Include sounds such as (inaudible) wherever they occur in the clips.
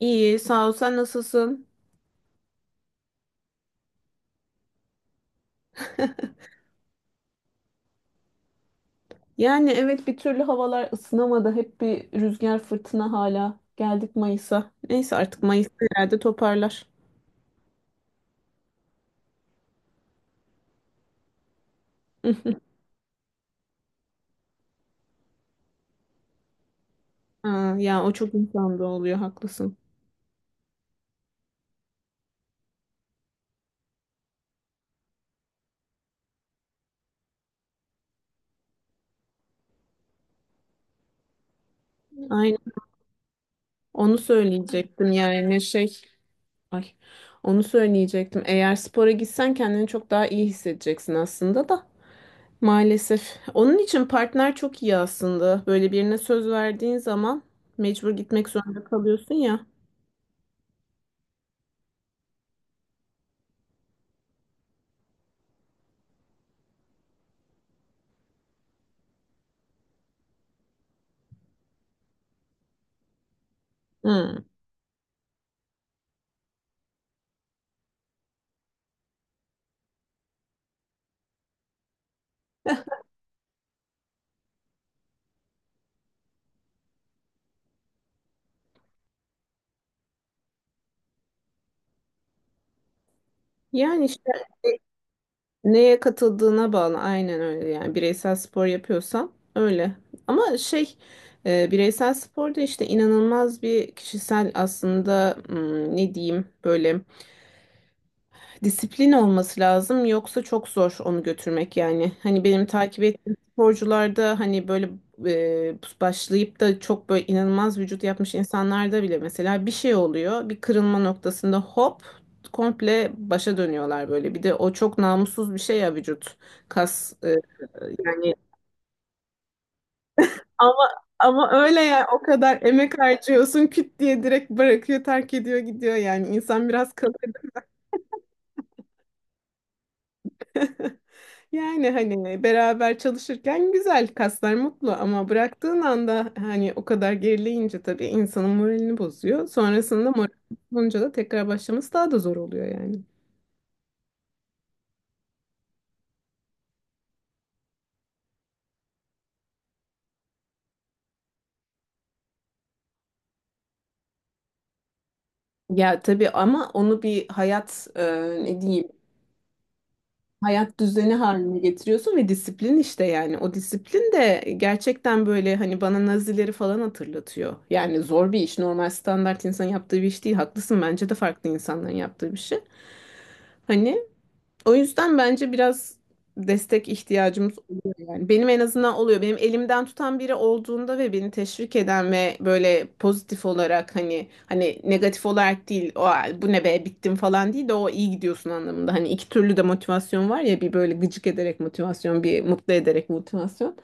İyi, sağ ol. Sen nasılsın? (laughs) Yani evet bir türlü havalar ısınamadı. Hep bir rüzgar fırtına hala. Geldik Mayıs'a. Neyse artık Mayıs'ta herhalde toparlar. (laughs) Ha, ya o çok insanda oluyor haklısın. Aynen. Onu söyleyecektim yani şey. Ay. Onu söyleyecektim. Eğer spora gitsen kendini çok daha iyi hissedeceksin aslında da. Maalesef. Onun için partner çok iyi aslında. Böyle birine söz verdiğin zaman mecbur gitmek zorunda kalıyorsun ya. Hı. Yani işte e, neye katıldığına bağlı aynen öyle yani bireysel spor yapıyorsan öyle. Ama şey bireysel sporda işte inanılmaz bir kişisel aslında ne diyeyim böyle disiplin olması lazım yoksa çok zor onu götürmek yani. Hani benim takip ettiğim sporcularda hani böyle başlayıp da çok böyle inanılmaz vücut yapmış insanlarda bile mesela bir şey oluyor. Bir kırılma noktasında hop komple başa dönüyorlar böyle. Bir de o çok namussuz bir şey ya vücut kas yani ama ama öyle ya o kadar emek harcıyorsun küt diye direkt bırakıyor terk ediyor gidiyor yani insan biraz kalır. (laughs) Yani hani beraber çalışırken güzel kaslar mutlu ama bıraktığın anda hani o kadar gerileyince tabii insanın moralini bozuyor. Sonrasında moral bozulunca da tekrar başlaması daha da zor oluyor yani. Ya tabii ama onu bir hayat ne diyeyim hayat düzeni haline getiriyorsun ve disiplin işte yani o disiplin de gerçekten böyle hani bana Nazileri falan hatırlatıyor. Yani zor bir iş, normal standart insan yaptığı bir iş değil, haklısın, bence de farklı insanların yaptığı bir şey. Hani o yüzden bence biraz destek ihtiyacımız oluyor yani. Benim en azından oluyor. Benim elimden tutan biri olduğunda ve beni teşvik eden ve böyle pozitif olarak, hani negatif olarak değil, o bu ne be bittim falan değil de o iyi gidiyorsun anlamında. Hani iki türlü de motivasyon var ya, bir böyle gıcık ederek motivasyon, bir mutlu ederek motivasyon.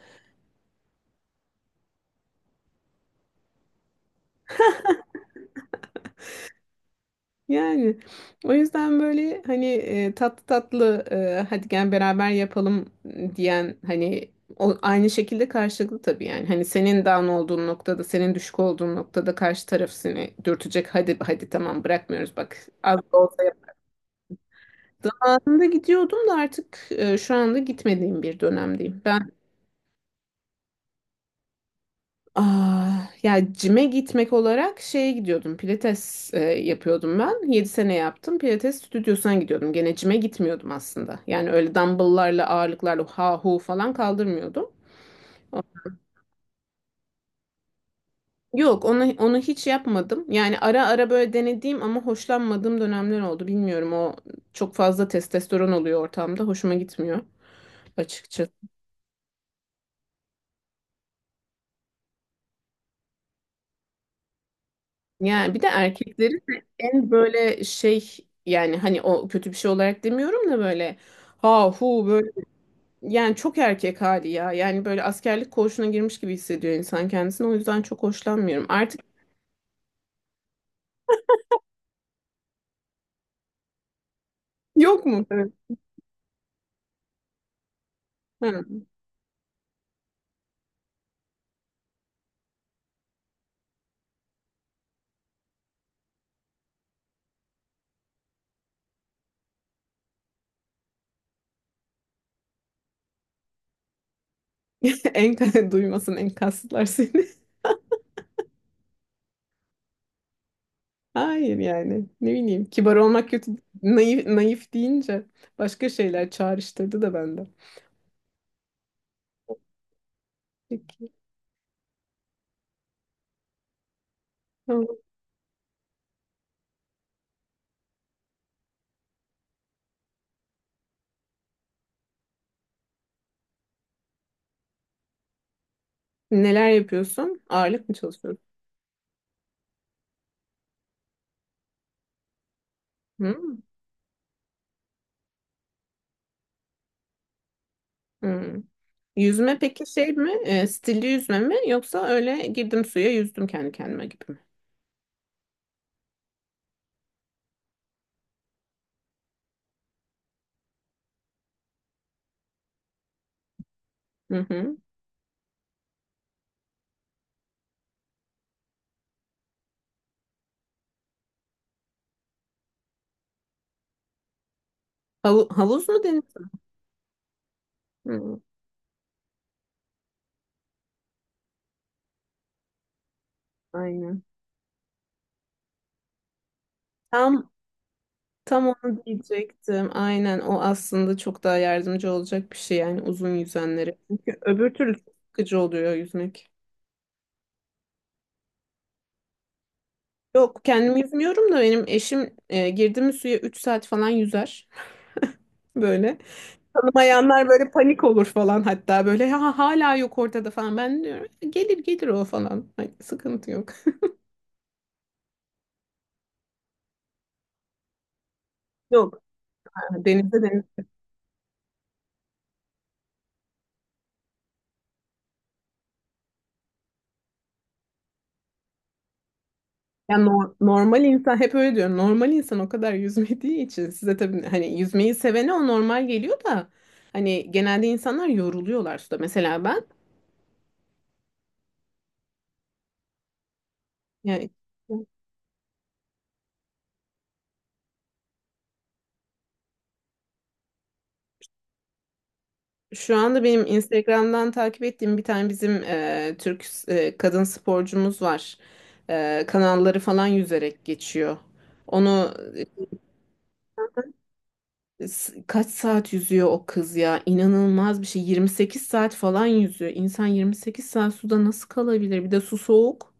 Yani o yüzden böyle hani tatlı tatlı hadi gel beraber yapalım diyen hani o, aynı şekilde karşılıklı tabii yani. Hani senin down olduğun noktada, senin düşük olduğun noktada karşı taraf seni dürtecek. Hadi hadi tamam, bırakmıyoruz bak. Az da olsa yaptım. Anında gidiyordum da artık şu anda gitmediğim bir dönemdeyim. Aa, ya cime gitmek olarak şeye gidiyordum. Pilates yapıyordum ben. 7 sene yaptım. Pilates stüdyosuna gidiyordum. Gene cime gitmiyordum aslında. Yani öyle dumbbell'larla ağırlıklarla ha hu falan kaldırmıyordum. Yok onu hiç yapmadım. Yani ara ara böyle denediğim ama hoşlanmadığım dönemler oldu. Bilmiyorum, o çok fazla testosteron oluyor ortamda. Hoşuma gitmiyor açıkçası. Yani bir de erkeklerin de en böyle şey, yani hani o kötü bir şey olarak demiyorum da böyle ha hu böyle. Yani çok erkek hali ya. Yani böyle askerlik koğuşuna girmiş gibi hissediyor insan kendisini. O yüzden çok hoşlanmıyorum. Artık (laughs) yok mu? Evet. Ha. (laughs) En duymasın enkazlar seni. (laughs) Hayır yani. Ne bileyim. Kibar olmak kötü. Naif, naif deyince başka şeyler çağrıştırdı da bende. Peki. Tamam. Neler yapıyorsun? Ağırlık mı çalışıyorsun? Hmm. Hmm. Yüzme peki şey mi? Stilli yüzme mi? Yoksa öyle girdim suya yüzdüm kendi kendime gibi mi? Hı hı. Havuz mu deniz mi? Aynen. Tam tam onu diyecektim. Aynen o aslında çok daha yardımcı olacak bir şey yani uzun yüzenlere. Çünkü öbür türlü çok sıkıcı oluyor yüzmek. Yok kendim yüzmüyorum da benim eşim girdi mi suya 3 saat falan yüzer. (laughs) Böyle. Tanımayanlar böyle panik olur falan, hatta böyle ha, hala yok ortada falan. Ben diyorum gelir gelir o falan. Hani sıkıntı yok. Yok, denizde. Ya normal insan hep öyle diyor. Normal insan o kadar yüzmediği için, size tabii hani yüzmeyi sevene o normal geliyor da hani genelde insanlar yoruluyorlar suda. Mesela ben, yani şu anda benim Instagram'dan takip ettiğim bir tane bizim Türk kadın sporcumuz var. Kanalları falan yüzerek geçiyor. Onu kaç saat yüzüyor o kız ya? İnanılmaz bir şey. 28 saat falan yüzüyor. İnsan 28 saat suda nasıl kalabilir? Bir de su soğuk.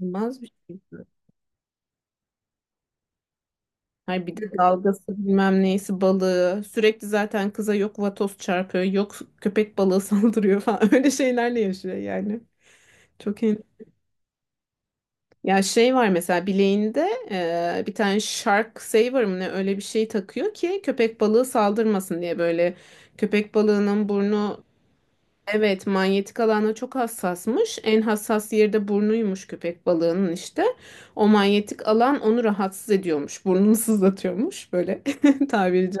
Olmaz bir şey. Hayır bir de dalgası bilmem neyisi balığı. Sürekli zaten kıza yok vatoz çarpıyor, yok köpek balığı (laughs) saldırıyor falan. Öyle şeylerle yaşıyor yani. Çok iyi. Ya şey var mesela bileğinde bir tane shark saver mı ne öyle bir şey takıyor ki köpek balığı saldırmasın diye, böyle köpek balığının burnu. Evet, manyetik alana çok hassasmış. En hassas yeri de burnuymuş köpek balığının işte. O manyetik alan onu rahatsız ediyormuş. Burnunu sızlatıyormuş böyle (laughs) tabiri,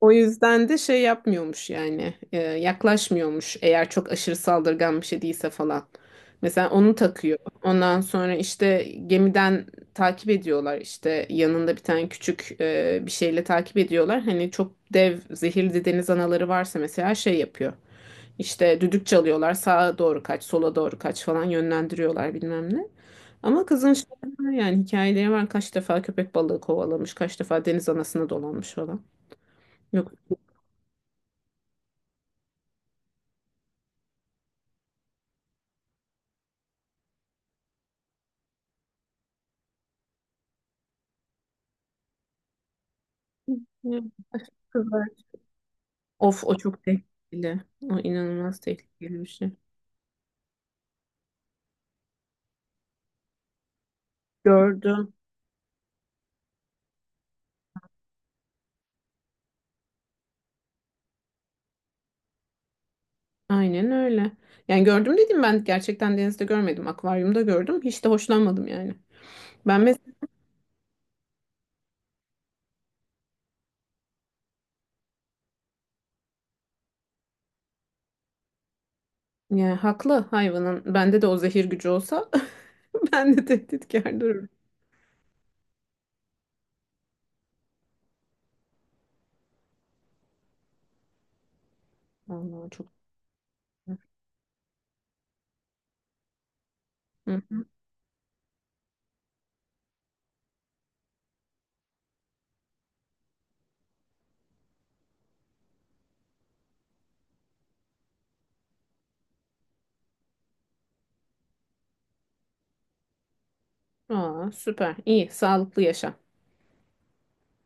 o yüzden de şey yapmıyormuş yani, yaklaşmıyormuş eğer çok aşırı saldırgan bir şey değilse falan. Mesela onu takıyor. Ondan sonra işte gemiden takip ediyorlar, işte yanında bir tane küçük bir şeyle takip ediyorlar. Hani çok dev zehirli deniz anaları varsa mesela şey yapıyor. İşte düdük çalıyorlar, sağa doğru kaç, sola doğru kaç falan yönlendiriyorlar bilmem ne. Ama kızın şey var yani, hikayeleri var, kaç defa köpek balığı kovalamış, kaç defa deniz anasına dolanmış falan. Yok. Evet, kızlar. Of, o çok tehlikeli. O inanılmaz tehlikeli bir şey. Gördüm. Aynen öyle. Yani gördüm dedim ben, gerçekten denizde görmedim. Akvaryumda gördüm. Hiç de hoşlanmadım yani. Ben mesela, yani haklı hayvanın. Bende de o zehir gücü olsa (laughs) ben de tehditkar dururum. Vallahi çok güzel. Hı. Aa, süper. İyi. Sağlıklı yaşa.